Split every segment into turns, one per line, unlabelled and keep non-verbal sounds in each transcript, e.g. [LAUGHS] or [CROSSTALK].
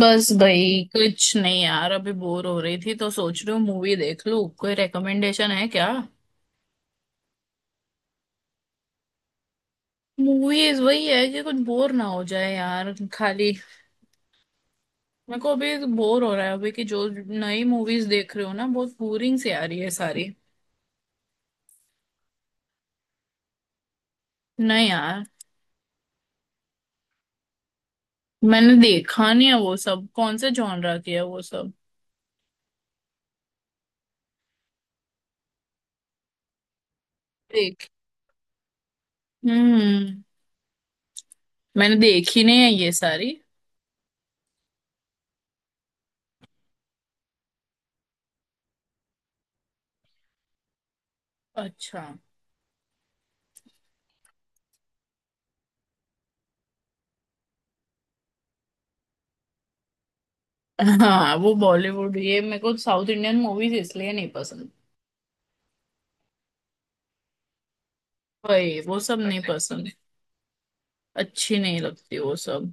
बस भाई, कुछ नहीं यार। अभी बोर हो रही थी तो सोच रही हूँ मूवी देख लूँ। कोई रेकमेंडेशन है क्या? मूवीज वही है कि कुछ बोर ना हो जाए यार, खाली। मेरे को अभी बोर हो रहा है। अभी कि जो नई मूवीज देख रही हो ना, बहुत बोरिंग सी आ रही है सारी। नहीं यार। मैंने देखा नहीं है। वो सब कौन से जॉनरा की है वो सब? देख। हम्म। मैंने देखी नहीं है ये सारी। अच्छा। हाँ वो बॉलीवुड, ये मेरे को साउथ इंडियन मूवीज इसलिए नहीं पसंद। वही वो सब नहीं पसंद। अच्छी नहीं लगती वो सब।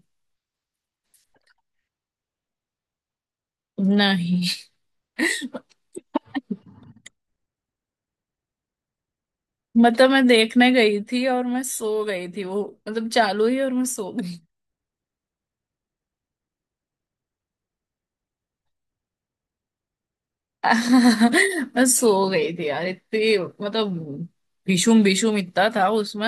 नहीं मतलब मैं देखने गई थी और मैं सो गई थी वो। मतलब चालू ही और मैं सो गई। [LAUGHS] मैं सो गई थी यार इतनी। मतलब भीषुम भीषुम इतना था उसमें।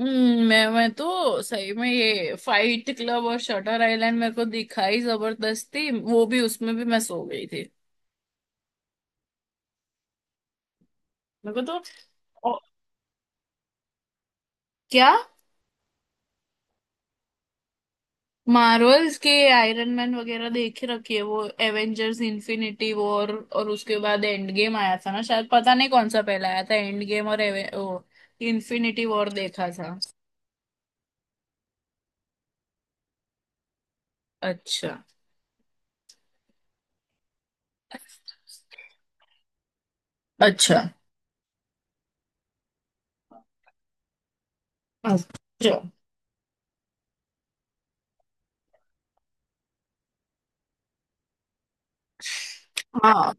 मैं तो सही में, ये फाइट क्लब और शटर आइलैंड मेरे को दिखाई जबरदस्ती, वो भी उसमें भी मैं सो गई थी। मेरे को तो ओ, क्या। मार्वल्स के आयरन मैन वगैरह देख ही रखी है। वो एवेंजर्स इन्फिनिटी वॉर और उसके बाद एंड गेम आया था ना शायद। पता नहीं कौन सा पहला आया था, एंड गेम और इन्फिनिटी वॉर देखा था। अच्छा। अच्छा। अच्छा। हाँ।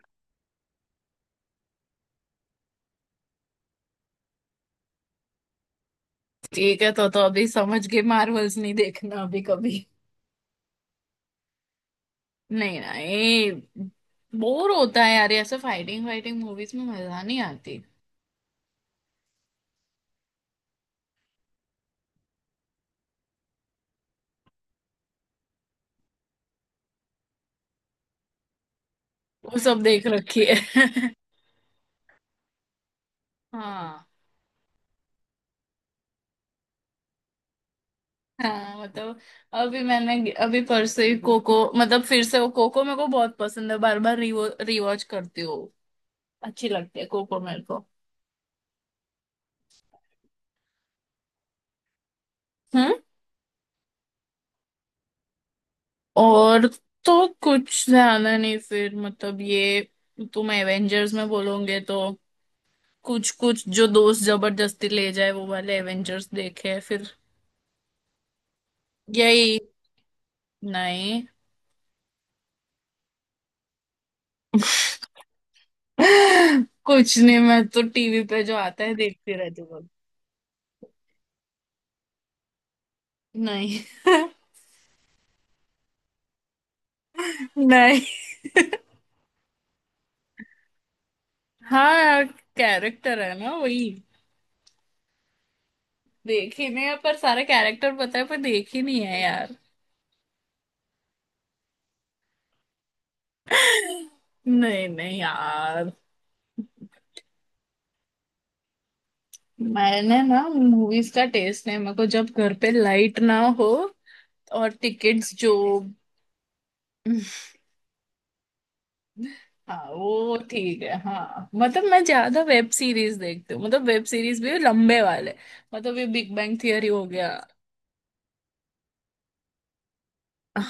ठीक है तो अभी समझ गए मार्वल्स नहीं देखना अभी कभी। नहीं ना ये। बोर होता है यार। ये ऐसे फाइटिंग फाइटिंग मूवीज में मजा नहीं आती। वो सब देख रखी है। हाँ। हाँ मतलब अभी मैंने अभी परसों ही कोको। मतलब फिर से वो कोको मेरे को बहुत पसंद है, बार बार रिवो रिवॉच करती हूँ। अच्छी लगती है कोको मेरे को। हम्म। और तो कुछ ज्यादा नहीं, फिर मतलब ये। तुम एवेंजर्स में बोलोगे तो कुछ कुछ जो दोस्त जबरदस्ती ले जाए वो वाले एवेंजर्स देखे फिर। यही। नहीं। [LAUGHS] कुछ नहीं, मैं तो टीवी पे जो आता है देखती रहती हूँ। नहीं। [LAUGHS] नहीं। हाँ यार, कैरेक्टर है ना वही। देखे नहीं है, पर सारे कैरेक्टर पता है पर देखी नहीं है यार। नहीं नहीं यार। मैंने ना मूवीज का टेस्ट नहीं। मेरे को जब घर पे लाइट ना हो और टिकट्स जो। [LAUGHS] हाँ वो ठीक है। हाँ मतलब मैं ज्यादा वेब सीरीज देखती हूँ, मतलब वेब सीरीज भी लंबे वाले। मतलब ये बिग बैंग थियरी हो गया।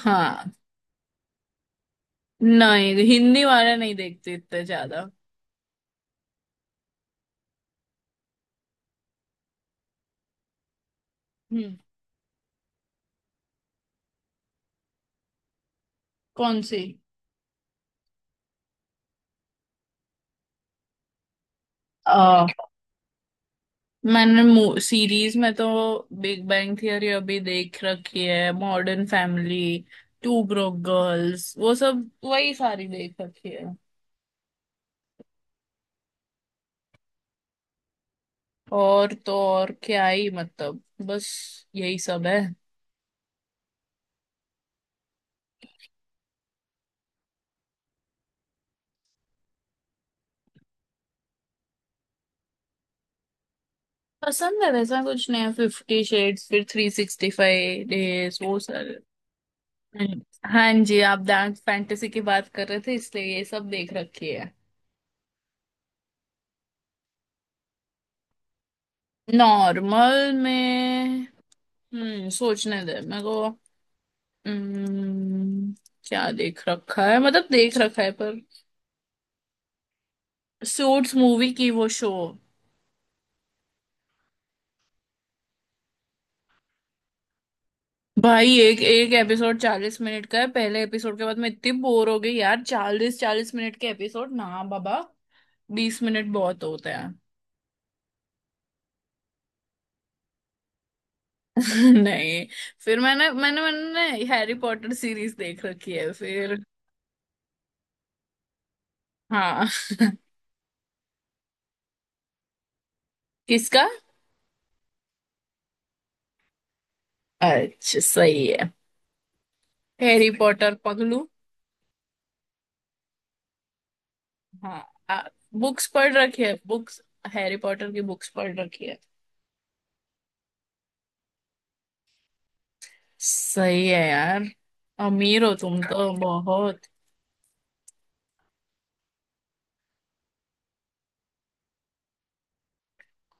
हाँ। नहीं, हिंदी वाले नहीं देखती इतने ज्यादा। हम्म। कौन सी? मैंने सीरीज में तो बिग बैंग थियरी अभी देख रखी है, Modern Family, Two Broke Girls, वो सब वही सारी देख रखी है। और तो और क्या ही मतलब, बस यही सब है। पसंद है वैसा कुछ नहीं है। फिफ्टी शेड्स, फिर 365 डेज, वो सारे। हम्म। हाँ जी, आप डार्क फैंटेसी की बात कर रहे थे इसलिए ये सब देख रखी है। नॉर्मल में सोचने दे मेरे को। हम्म, क्या देख रखा है, मतलब देख रखा है पर। सूट्स मूवी की वो शो? भाई एक एक एपिसोड 40 मिनट का है। पहले एपिसोड के बाद मैं इतनी बोर हो गई यार। चालीस चालीस मिनट के एपिसोड ना बाबा। 20 मिनट बहुत होते हैं। [LAUGHS] नहीं। फिर मैंने मैंने मैंने हैरी पॉटर सीरीज देख रखी है फिर। हाँ। किसका? अच्छा सही है। हैरी पॉटर पगलू। हाँ। बुक्स पढ़ रखी है बुक्स। हैरी पॉटर की बुक्स पढ़ रखी है। सही है यार। अमीर हो तुम तो बहुत।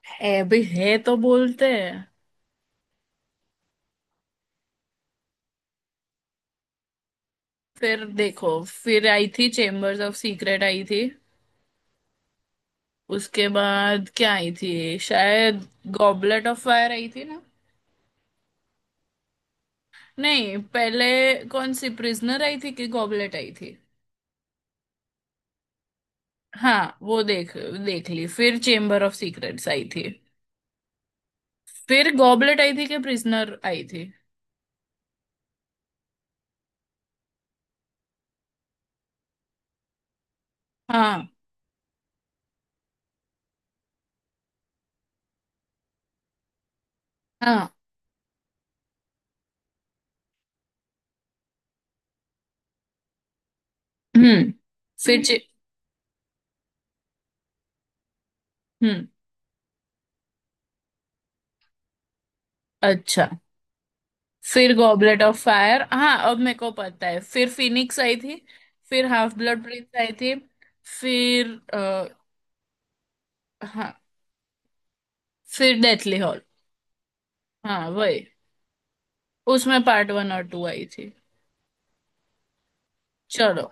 है भी है तो बोलते हैं। फिर देखो, फिर आई थी चेम्बर्स ऑफ सीक्रेट आई थी। उसके बाद क्या आई थी शायद? गॉबलेट ऑफ फायर आई थी ना? नहीं पहले, कौन सी प्रिजनर आई थी कि गॉबलेट आई थी? हाँ वो देख, देख ली। फिर चेम्बर ऑफ सीक्रेट्स आई थी। फिर गॉबलेट आई थी कि प्रिजनर आई थी? हाँ। हाँ। हम्म। फिर चे- हम्म। अच्छा। फिर गॉबलेट ऑफ फायर, हाँ अब मेरे को पता है। फिर फिनिक्स आई थी। फिर हाफ ब्लड प्रिंस आई थी। फिर आ, हाँ, फिर डेथली हॉल। हाँ वही, उसमें पार्ट वन और टू आई थी। चलो,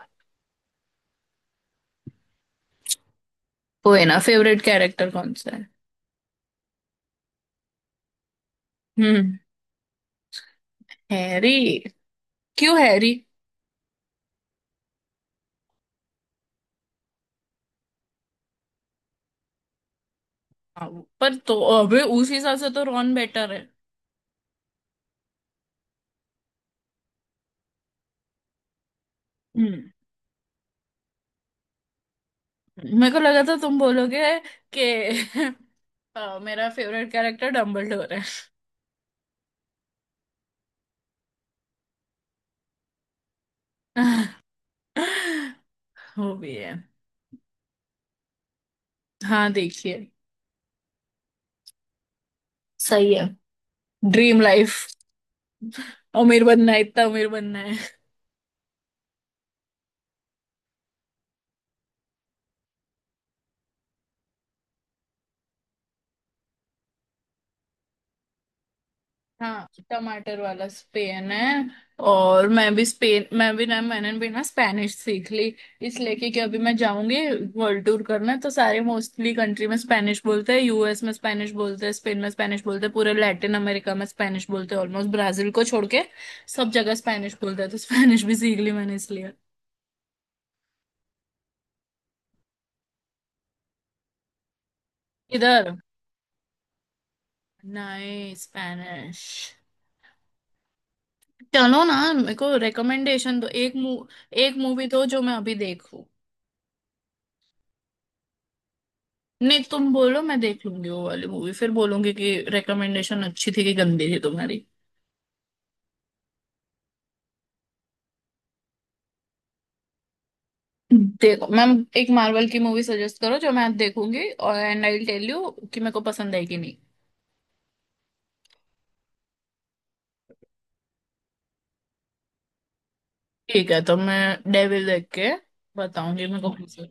कोई ना। फेवरेट कैरेक्टर कौन सा है? हम्म। हैरी? क्यों हैरी? हाँ, पर तो अबे उस हिसाब से तो रॉन बेटर है। हम्म। मेरे को लगा था तुम बोलोगे कि [LAUGHS] मेरा फेवरेट कैरेक्टर डम्बलडोर है। [LAUGHS] वो भी है। हाँ देखिए। सही है। Dream life. अमीर बनना है, इतना अमीर बनना है। हाँ, टमाटर वाला स्पेन है। और मैं भी स्पेन, मैं भी ना, मैंने भी ना स्पेनिश सीख ली। इसलिए कि अभी मैं जाऊंगी वर्ल्ड टूर करना, तो सारे मोस्टली कंट्री में स्पेनिश बोलते हैं। यूएस में स्पेनिश बोलते हैं, स्पेन में स्पेनिश बोलते हैं, पूरे लैटिन अमेरिका में स्पेनिश बोलते हैं, ऑलमोस्ट ब्राजील को छोड़ के सब जगह स्पेनिश बोलते हैं। तो स्पेनिश भी सीख ली मैंने इसलिए। इधर? नहीं, स्पेनिश। चलो ना मेरे को रिकमेंडेशन दो, एक मूवी दो जो मैं अभी देखूं। नहीं तुम बोलो, मैं देख लूंगी वो वाली मूवी, फिर बोलूंगी कि रिकमेंडेशन अच्छी थी कि गंदी थी तुम्हारी। देखो मैम, एक मार्वल की मूवी सजेस्ट करो जो मैं देखूंगी, और एंड आई टेल यू कि मेरे को पसंद आई कि नहीं। ठीक है, तो मैं डेविल देख के बताऊंगी मेरे को पसंद।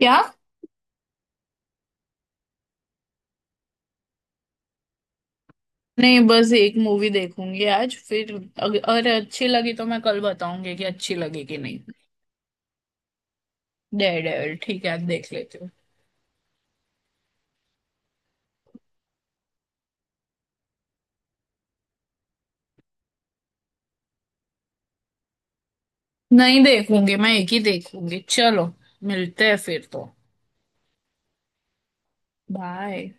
क्या? नहीं बस एक मूवी देखूंगी आज, फिर अगर अच्छी लगी तो मैं कल बताऊंगी कि अच्छी लगी कि नहीं। डेविल, ठीक है, आज देख लेती हूँ। नहीं देखूंगी, मैं एक ही देखूंगी। चलो, मिलते हैं फिर तो। बाय।